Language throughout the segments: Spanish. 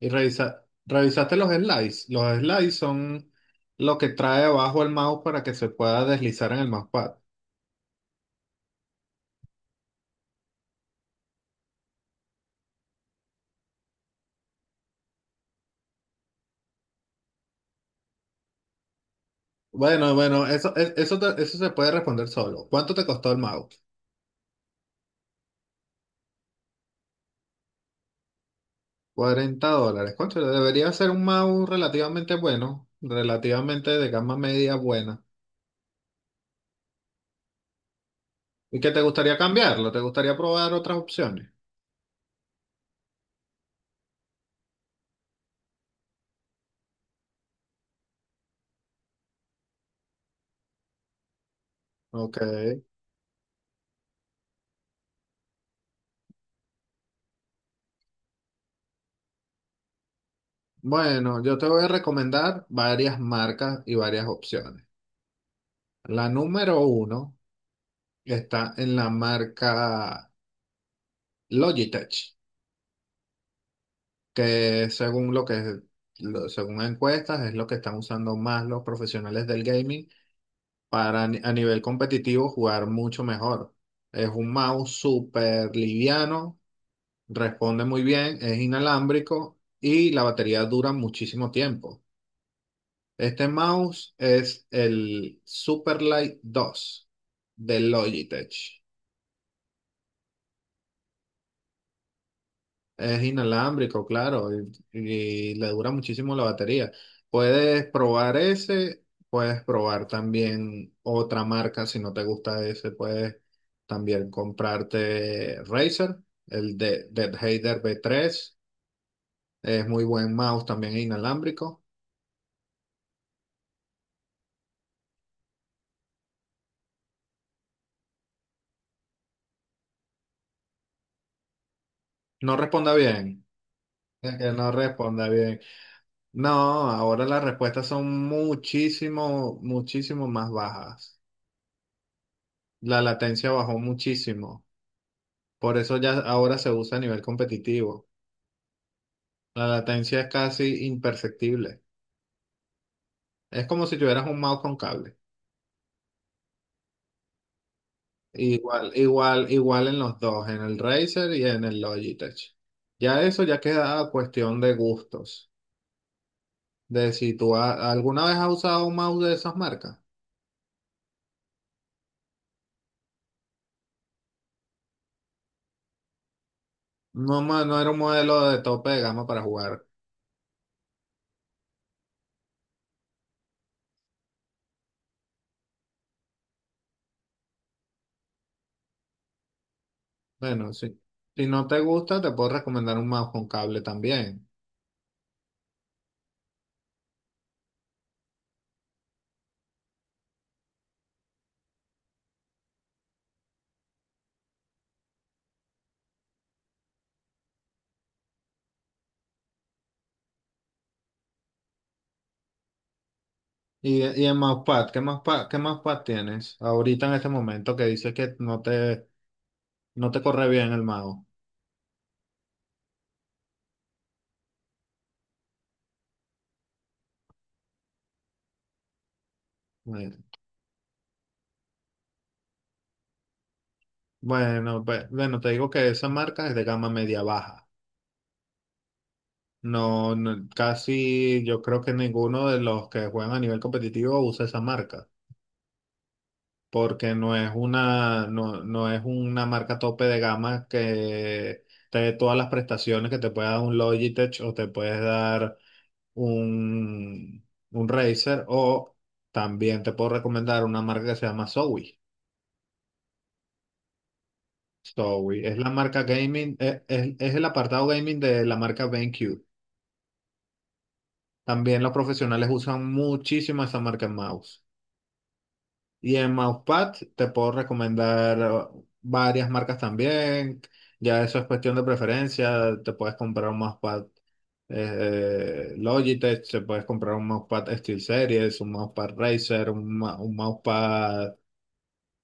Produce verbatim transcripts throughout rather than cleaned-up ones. Y revisa- revisaste los slides. Los slides son lo que trae abajo el mouse para que se pueda deslizar en el mousepad. Bueno, bueno, eso, e- eso, te- eso se puede responder solo. ¿Cuánto te costó el mouse? Cuarenta dólares. Concho, debería ser un mouse relativamente bueno, relativamente de gama media buena. ¿Y que te gustaría cambiarlo? ¿Te gustaría probar otras opciones? Ok. Bueno, yo te voy a recomendar varias marcas y varias opciones. La número uno está en la marca Logitech, que según lo que lo- según encuestas es lo que están usando más los profesionales del gaming para ni- a nivel competitivo jugar mucho mejor. Es un mouse súper liviano, responde muy bien, es inalámbrico y la batería dura muchísimo tiempo. Este mouse es el Superlight dos de Logitech. Es inalámbrico, claro, y, y le dura muchísimo la batería. Puedes probar ese, puedes probar también otra marca si no te gusta ese, puedes también comprarte Razer, el de Deadhazer v tres es muy buen mouse, también inalámbrico. No responda bien, es que no responda bien. No, ahora las respuestas son muchísimo, muchísimo más bajas. La latencia bajó muchísimo. Por eso ya ahora se usa a nivel competitivo. La latencia es casi imperceptible. Es como si tuvieras un mouse con cable. Igual, igual, igual en los dos, en el Razer y en el Logitech. Ya eso ya queda a cuestión de gustos. De si tú ha- alguna vez has usado un mouse de esas marcas. No, ma- no era un modelo de tope de gama para jugar. Bueno, sí. Si no te gusta, te puedo recomendar un mouse con cable también. Y, y en Mousepad, ¿qué Mousepad, qué Mousepad tienes ahorita en este momento que dices que no te, no te corre bien el mouse? Bueno, bueno, pues, bueno, te digo que esa marca es de gama media baja. No, no, casi yo creo que ninguno de los que juegan a nivel competitivo usa esa marca, porque no es una, no, no es una marca tope de gama que te dé todas las prestaciones que te puede dar un Logitech o te puedes dar un, un Razer o también te puedo recomendar una marca que se llama Zowie. Zowie es la marca gaming, eh, es, es el apartado gaming de la marca BenQ. También los profesionales usan muchísimo esa marca en mouse. Y en mousepad te puedo recomendar eh, varias marcas también. Ya eso es cuestión de preferencia. Te puedes comprar un mousepad eh, eh, Logitech, te puedes comprar un mousepad SteelSeries, un mousepad Razer, un, ma- un mousepad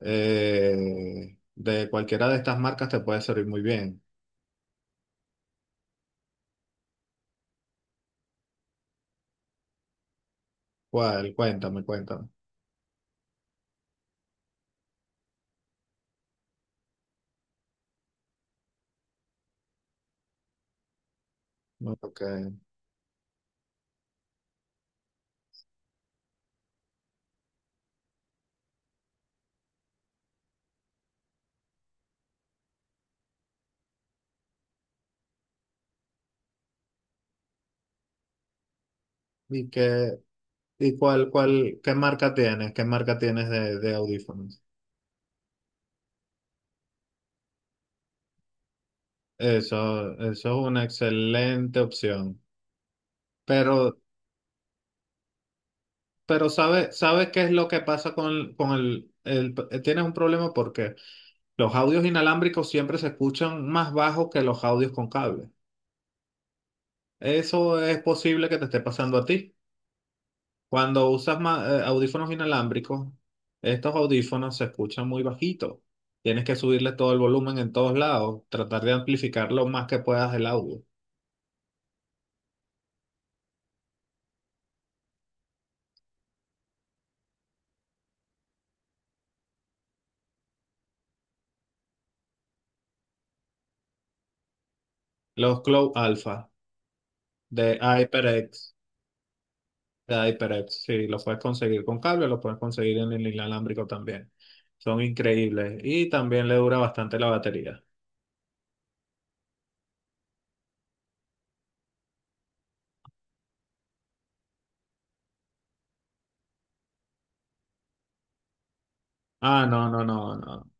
eh, de cualquiera de estas marcas te puede servir muy bien. ¿Cuál? Cuéntame, cuéntame. No, ok. ¿Y qué, y cuál, cuál, qué marca tienes? ¿Qué marca tienes de, de audífonos? Eso, eso es una excelente opción. Pero, pero ¿sabes, sabe qué es lo que pasa con, con el, el- eh, tienes un problema porque los audios inalámbricos siempre se escuchan más bajos que los audios con cable. Eso es posible que te esté pasando a ti. Cuando usas ma- eh, audífonos inalámbricos, estos audífonos se escuchan muy bajito. Tienes que subirle todo el volumen en todos lados, tratar de amplificar lo más que puedas el audio. Los Cloud Alpha de HyperX, de HyperX, sí, los puedes conseguir con cable, los puedes conseguir en el inalámbrico también. Son increíbles y también le dura bastante la batería. Ah, no, no, no, no.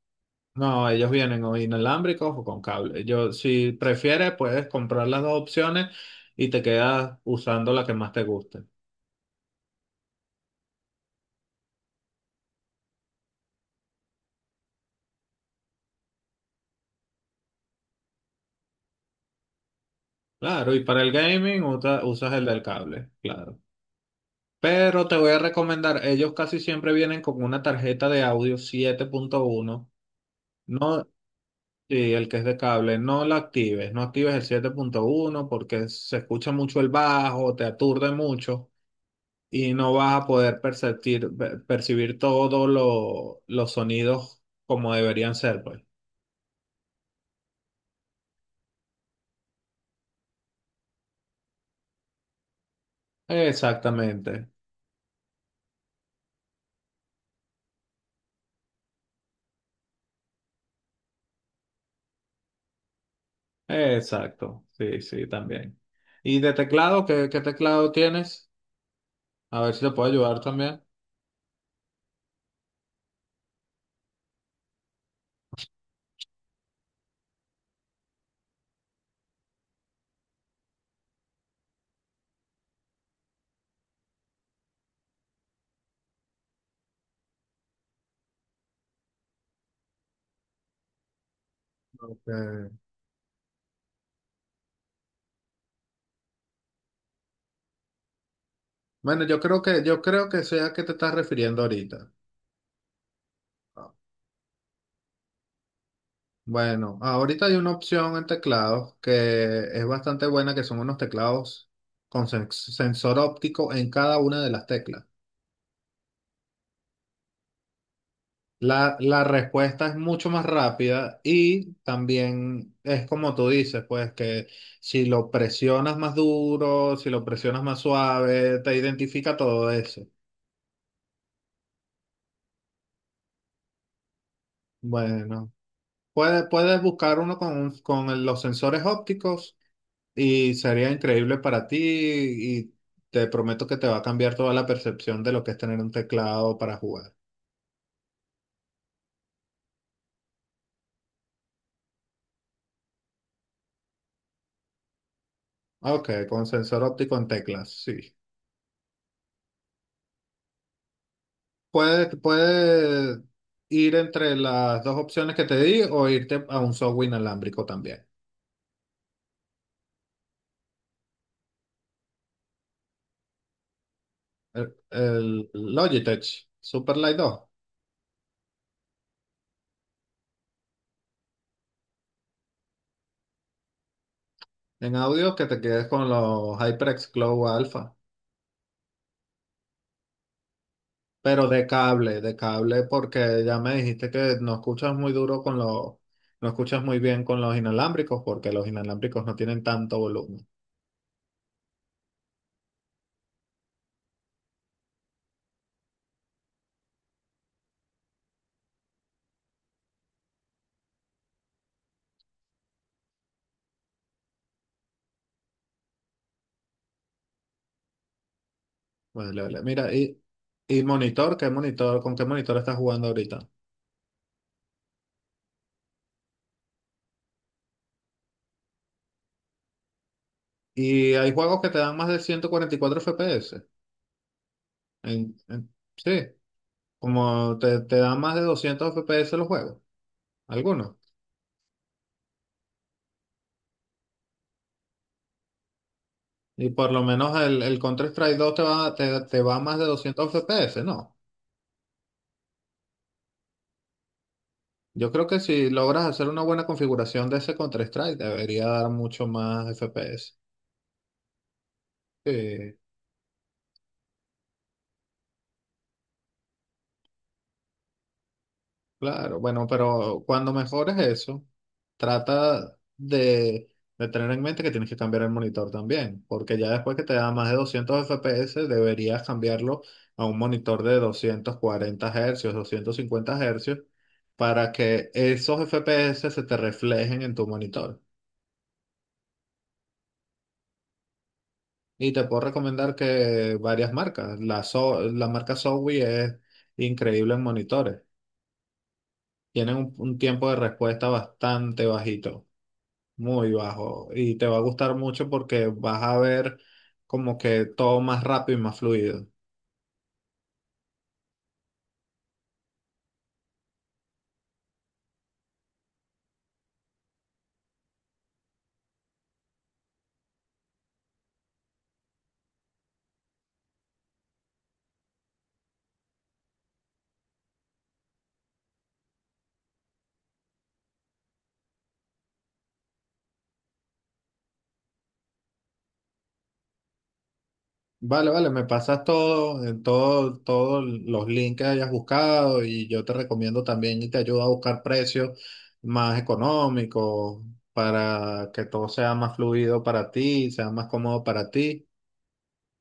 No, ellos vienen o inalámbricos o con cable. Yo, si prefieres, puedes comprar las dos opciones y te quedas usando la que más te guste. Claro, y para el gaming usa- usas el del cable, claro. Pero te voy a recomendar, ellos casi siempre vienen con una tarjeta de audio siete punto uno. No, sí, el que es de cable, no la actives, no actives el siete punto uno porque se escucha mucho el bajo, te aturde mucho. Y no vas a poder perceptir- per- percibir todos lo- los sonidos como deberían ser, pues. Exactamente, exacto, sí, sí, también. ¿Y de teclado? ¿Qué, qué teclado tienes? A ver si te puedo ayudar también. Ok. Bueno, yo creo que, yo creo que sea a qué te estás refiriendo ahorita. Bueno, ahorita hay una opción en teclados que es bastante buena, que son unos teclados con sen- sensor óptico en cada una de las teclas. La, la respuesta es mucho más rápida y también es como tú dices, pues que si lo presionas más duro, si lo presionas más suave, te identifica todo eso. Bueno, puedes, puedes buscar uno con, un- con el- los sensores ópticos y sería increíble para ti y te prometo que te va a cambiar toda la percepción de lo que es tener un teclado para jugar. Ok, con sensor óptico en teclas, sí. Puedes, puedes ir entre las dos opciones que te di o irte a un software inalámbrico también. El, el Logitech Superlight dos en audio que te quedes con los HyperX Glow Alpha, pero de cable, de cable porque ya me dijiste que no escuchas muy duro con los, no escuchas muy bien con los inalámbricos porque los inalámbricos no tienen tanto volumen. Vale, vale. Mira, y, y monitor, ¿qué monitor, con qué monitor estás jugando ahorita? Y hay juegos que te dan más de ciento cuarenta y cuatro F P S. En- en- sí, como te, te dan más de doscientos F P S los juegos, algunos. Y por lo menos el, el Counter-Strike dos te va, te, te va a más de doscientos F P S, ¿no? Yo creo que si logras hacer una buena configuración de ese Counter-Strike, debería dar mucho más F P S. Sí. Claro, bueno, pero cuando mejores eso, trata de, de tener en mente que tienes que cambiar el monitor también, porque ya después que te da más de doscientos F P S, deberías cambiarlo a un monitor de doscientos cuarenta Hz, doscientos cincuenta Hz, para que esos F P S se te reflejen en tu monitor. Y te puedo recomendar que varias marcas, la, So- la marca Zowie es increíble en monitores, tienen un un tiempo de respuesta bastante bajito. Muy bajo y te va a gustar mucho porque vas a ver como que todo más rápido y más fluido. Vale, vale, me pasas todo, en todo, todos los links que hayas buscado y yo te recomiendo también y te ayudo a buscar precios más económicos para que todo sea más fluido para ti, sea más cómodo para ti.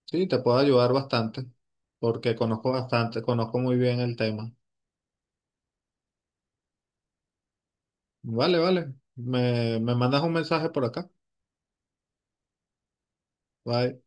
Sí, te puedo ayudar bastante porque conozco bastante, conozco muy bien el tema. Vale, vale, me, me mandas un mensaje por acá. Bye.